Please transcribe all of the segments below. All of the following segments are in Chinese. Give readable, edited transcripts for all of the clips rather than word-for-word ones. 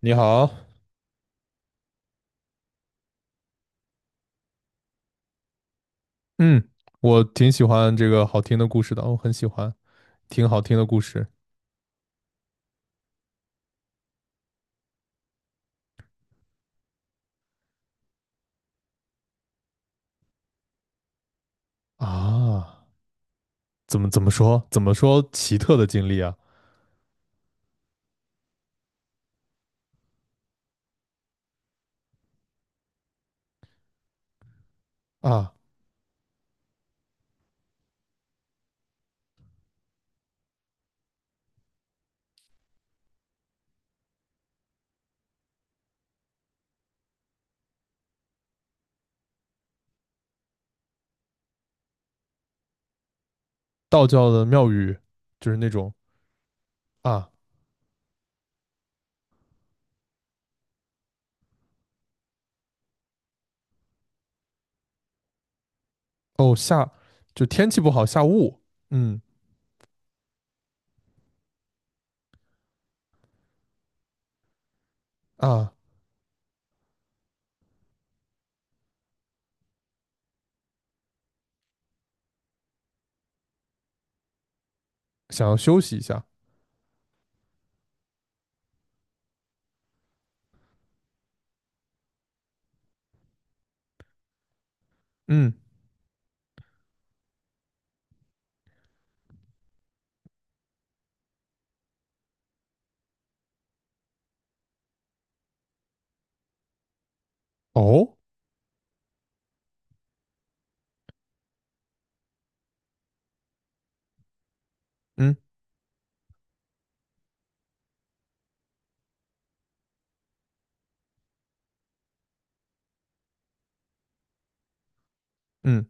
你好，嗯，我挺喜欢这个好听的故事的，我很喜欢听好听的故事啊。怎么说？怎么说奇特的经历啊？啊，道教的庙宇就是那种啊，哦就天气不好下雾，嗯啊，想要休息一下，嗯哦，嗯嗯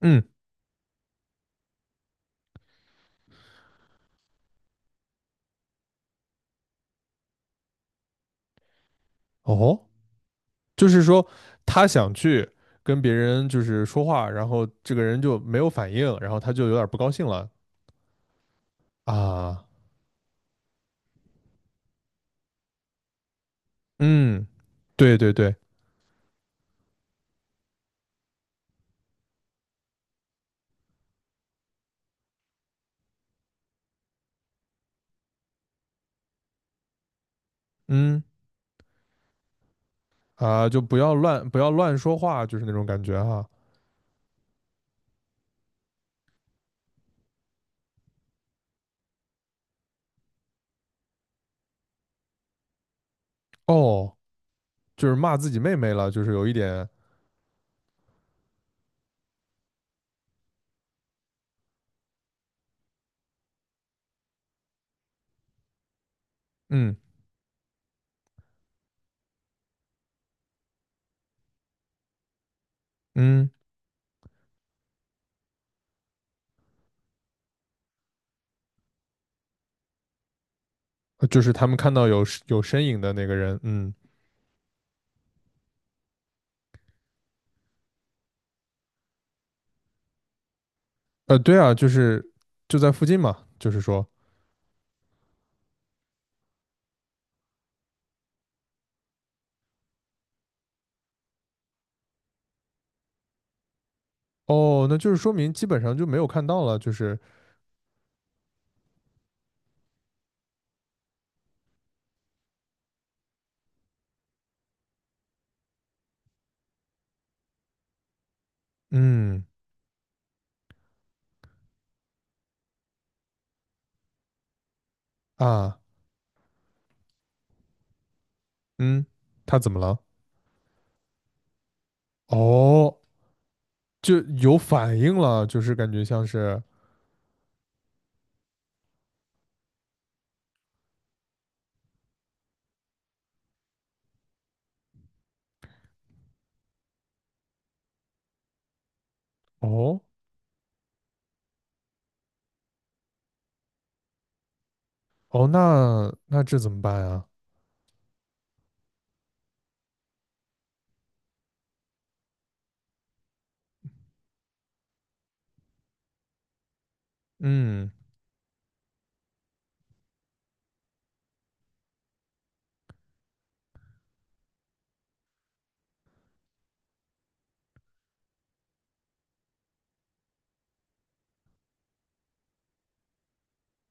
嗯哦，就是说他想去跟别人就是说话，然后这个人就没有反应，然后他就有点不高兴了啊。嗯，对对对，嗯啊，就不要乱说话，就是那种感觉哈。哦，就是骂自己妹妹了，就是有一点，嗯嗯，就是他们看到有身影的那个人，嗯对啊，就是就在附近嘛，就是说，哦，那就是说明基本上就没有看到了，就是嗯啊嗯，他怎么了？哦，就有反应了，就是感觉像是，哦哦，那这怎么办啊？嗯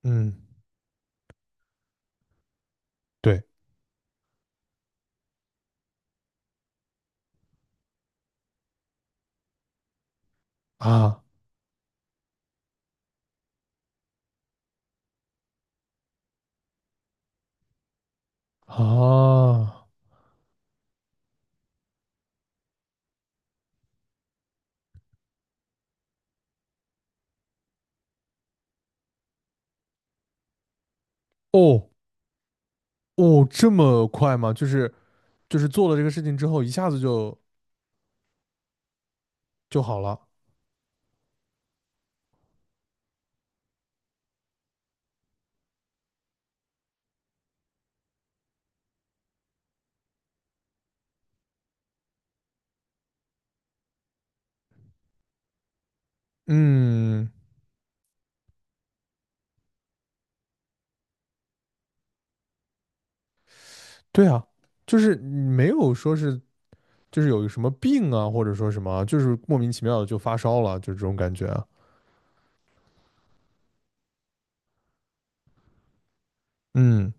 嗯。对啊啊哦哦，这么快吗？就是做了这个事情之后，一下子就好了。嗯，对啊，就是没有说是就是有什么病啊，或者说什么啊，就是莫名其妙的就发烧了，就是这种感觉啊。嗯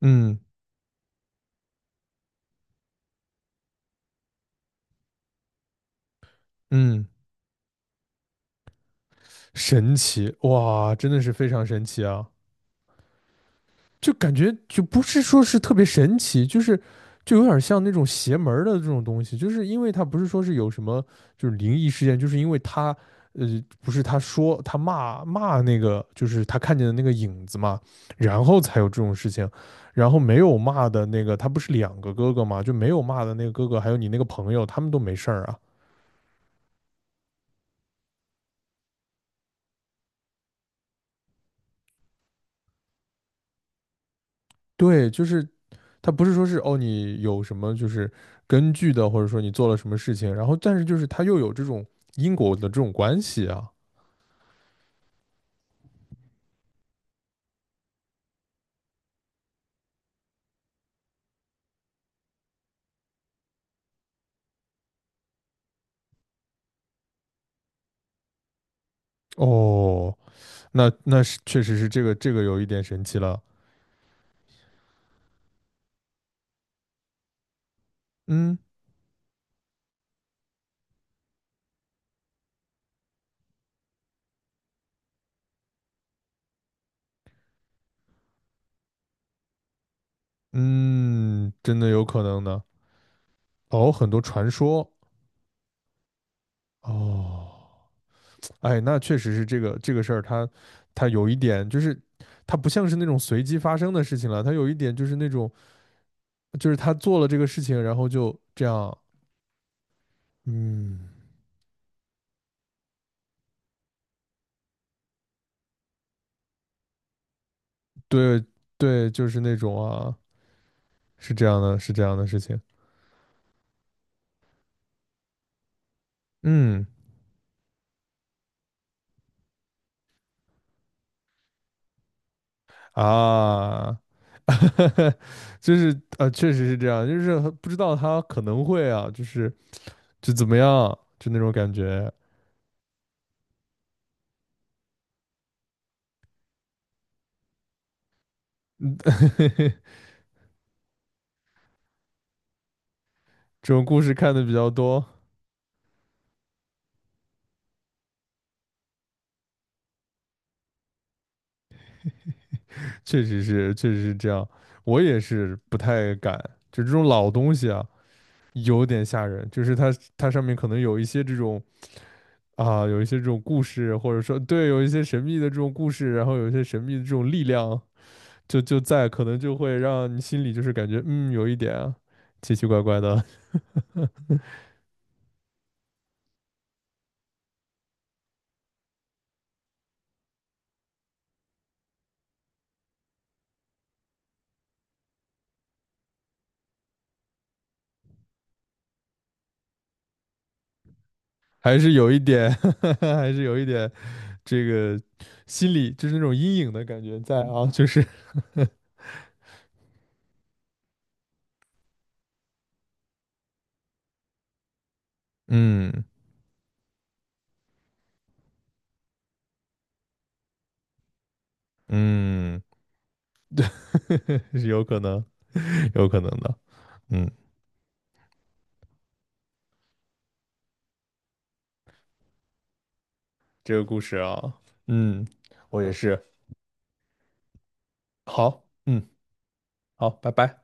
嗯嗯，神奇哇，真的是非常神奇啊。就感觉就不是说是特别神奇，就是就有点像那种邪门儿的这种东西，就是因为他不是说是有什么就是灵异事件，就是因为他呃不是他说他骂骂那个就是他看见的那个影子嘛，然后才有这种事情，然后没有骂的那个他不是两个哥哥嘛，就没有骂的那个哥哥还有你那个朋友他们都没事儿啊，对，就是它不是说是哦，你有什么就是根据的，或者说你做了什么事情，然后但是就是它又有这种因果的这种关系啊。哦，那是确实是这个有一点神奇了。嗯嗯，真的有可能呢，哦，很多传说哦，哎，那确实是这个事儿，它有一点就是它不像是那种随机发生的事情了，它有一点就是那种就是他做了这个事情，然后就这样，嗯。对对，就是那种啊，是这样的，是这样的事情。嗯啊，就是啊，确实是这样，就是不知道他可能会啊，就是就怎么样，就那种感觉。这种故事看的比较多，确实是，确实是这样。我也是不太敢，就这种老东西啊，有点吓人。就是它上面可能有一些这种啊，有一些这种故事，或者说对，有一些神秘的这种故事，然后有一些神秘的这种力量。就在，可能就会让你心里就是感觉，嗯，有一点啊奇奇怪怪的，还是有一点，还是有一点这个心里就是那种阴影的感觉在啊，就是嗯嗯，是有可能，有可能的，嗯，这个故事啊，嗯，我也是，好，嗯，好，拜拜。